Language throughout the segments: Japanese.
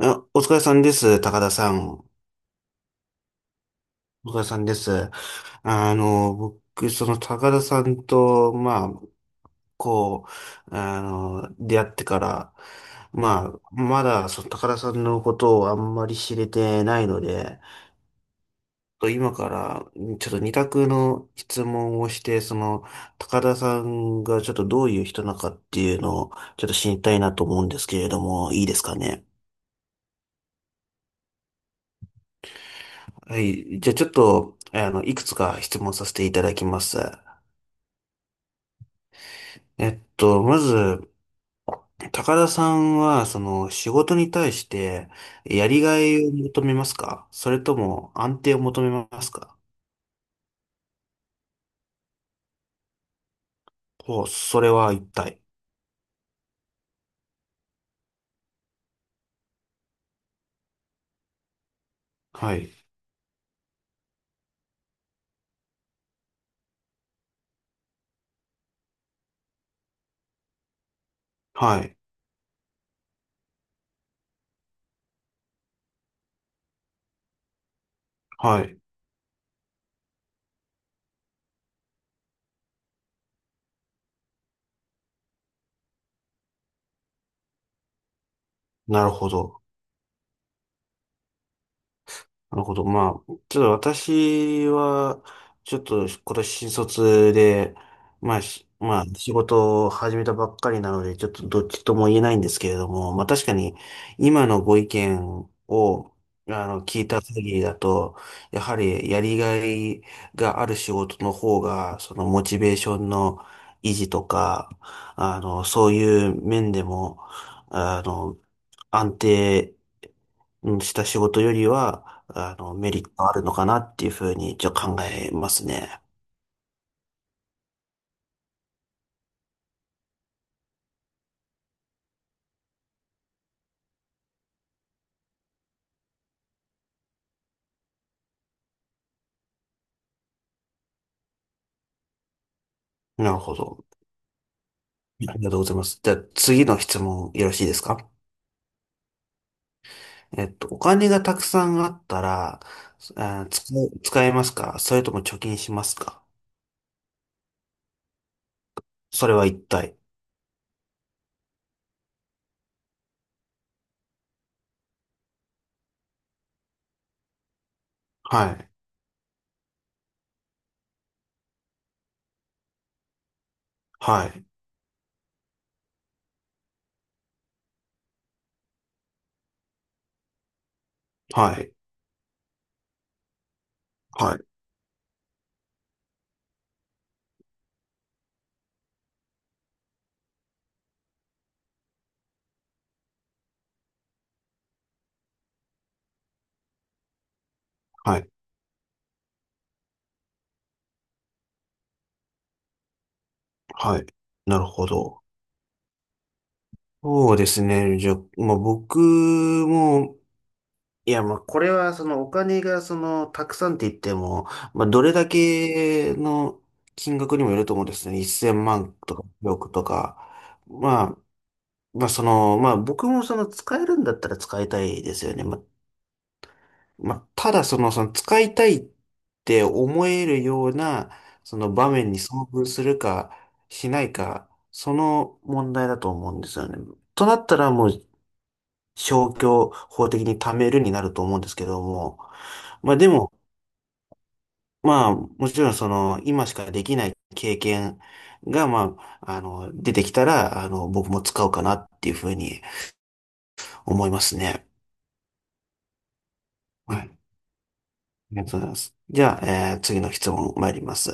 あ、お疲れさんです、高田さん。お疲れさんです。僕、その高田さんと、まあ、こ出会ってから、まあ、まだ、その高田さんのことをあんまり知れてないので、と今から、ちょっと二択の質問をして、その、高田さんがちょっとどういう人なのかっていうのを、ちょっと知りたいなと思うんですけれども、いいですかね？はい。じゃあちょっと、いくつか質問させていただきます。まず、高田さんは、その、仕事に対して、やりがいを求めますか、それとも、安定を求めますか？ほう、それは一体？はい。はい。はい。はい。なるほど。なるほど。まあ、ちょっと私は、ちょっと今年新卒で、まあ、まあ、仕事を始めたばっかりなので、ちょっとどっちとも言えないんですけれども、まあ確かに今のご意見を、聞いた限りだと、やはりやりがいがある仕事の方が、そのモチベーションの維持とか、そういう面でも、あの、安定うんした仕事よりは、メリットあるのかなっていうふうに、じゃ考えますね。なるほど。ありがとうございます。じゃあ次の質問よろしいですか？お金がたくさんあったら、使えますか、それとも貯金しますか？それは一体？はい。はい。はい。はい。はい。はい。なるほど。そうですね。じゃあ、まあ、僕も、いや、まあ、これは、その、お金が、その、たくさんって言っても、まあ、どれだけの金額にもよると思うんですね。1000万とか、億とか。まあ、まあ、その、まあ、僕も、その、使えるんだったら使いたいですよね。まあ、まあ、ただ、その、使いたいって思えるような、その場面に遭遇するか、しないか、その問題だと思うんですよね。となったら、もう、消去法的に貯めるになると思うんですけども、まあでも、まあもちろんその今しかできない経験がまあ、出てきたら、僕も使うかなっていうふうに思いますね。はい。ありがとうございます。じゃあ、次の質問参ります。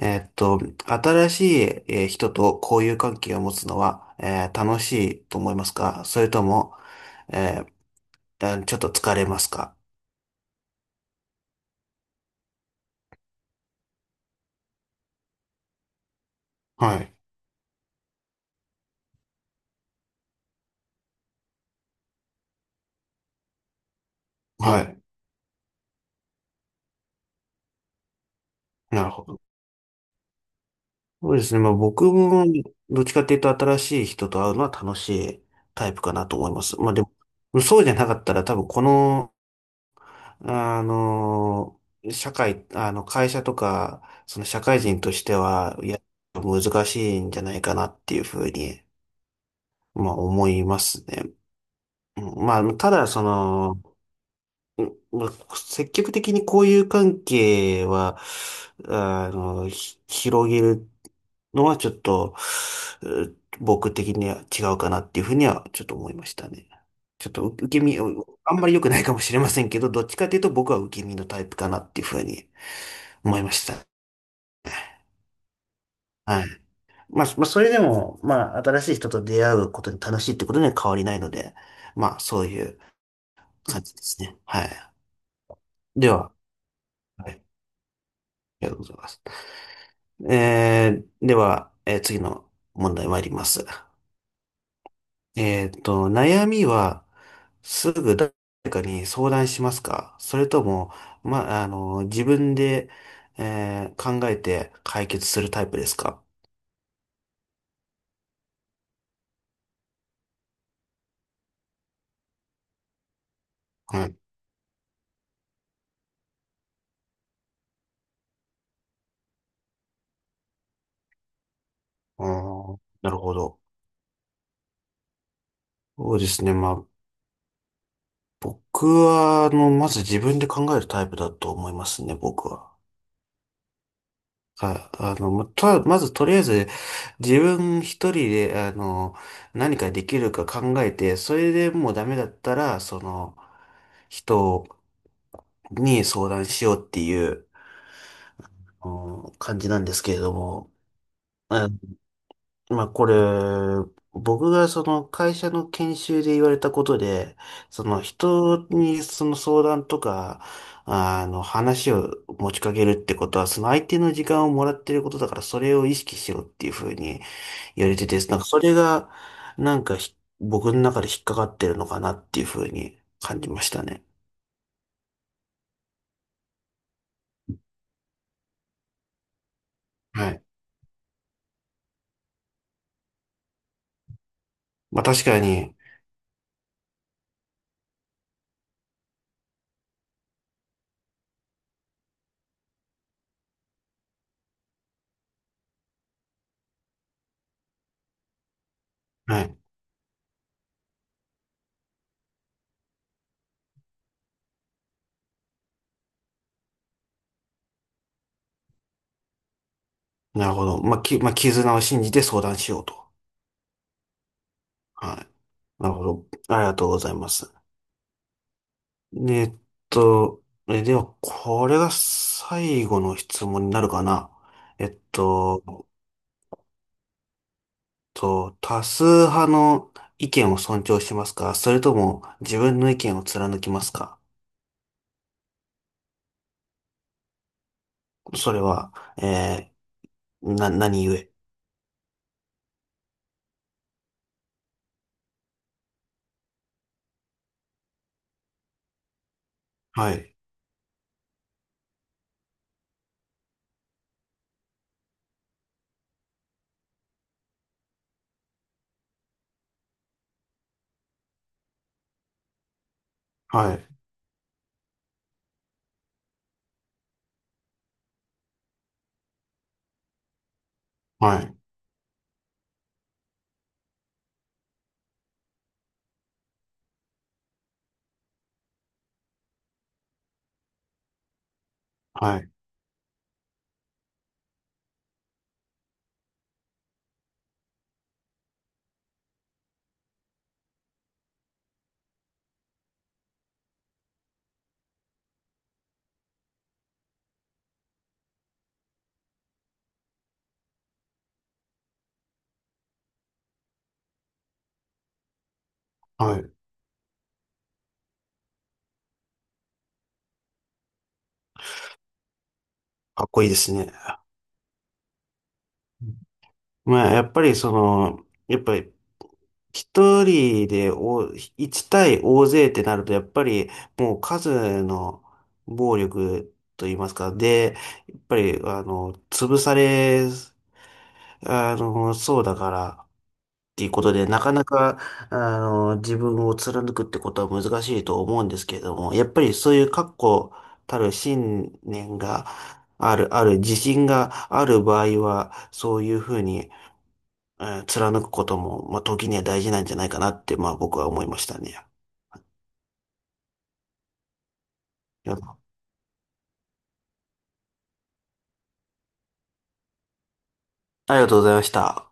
えーっと、新しい、人と交友関係を持つのは、楽しいと思いますか、それとも、えーちょっと疲れますか？はい。はい。なるほど。そうですね。まあ僕も、どっちかっていうと新しい人と会うのは楽しいタイプかなと思います。まあでも、そうじゃなかったら多分この、あの、社会、あの、会社とか、その社会人としては、いや、難しいんじゃないかなっていうふうに、まあ思いますね。うんまあ、ただ、その、うんまあ積極的に交友関係は、広げるのはちょっと、う僕的には違うかなっていうふうにはちょっと思いましたね。ちょっと受け身、あんまり良くないかもしれませんけど、どっちかというと僕は受け身のタイプかなっていうふうに思いましたね。はい。まあ、まあ、それでも、まあ、新しい人と出会うことに楽しいってことには変わりないので、まあ、そういう感じですね。はい。では、はい、ありがとうございます。えでは、次の問題参ります。悩みは、すぐ誰かに相談しますか、それとも、自分で、考えて解決するタイプですか？はい。あー、なるほど。そうですね。まあ、僕は、まず自分で考えるタイプだと思いますね、僕は。はい。また、まずとりあえず、自分一人で、何かできるか考えて、それでもうダメだったら、その、人に相談しようっていう、うん感じなんですけれども、あまあこれ、僕がその会社の研修で言われたことで、その人にその相談とか、あの話を持ちかけるってことは、その相手の時間をもらってることだから、それを意識しろっていうふうに言われてて、なんかそれが、なんか僕の中で引っかかってるのかなっていうふうに感じましたね。はい。まあ確かに、はい。なるほど。まあ、まあ、絆を信じて相談しようと。はい。なるほど。ありがとうございます。えっと、では、これが最後の質問になるかな。えっと、多数派の意見を尊重しますか、それとも自分の意見を貫きますか？それは、え何故？はい。はい。はい。はい。はい。かっこいいですね。まあ、やっぱりその、やっぱり一人でお、一対大勢ってなると、やっぱりもう数の暴力と言いますか、で、やっぱり、あの、潰され、あの、そうだからっていうことで、なかなか、自分を貫くってことは難しいと思うんですけれども、やっぱりそういう確固たる信念がある自信がある場合は、そういうふうに、貫くことも、まあ、時には大事なんじゃないかなって、まあ、僕は思いましたね。いやありがとうございました。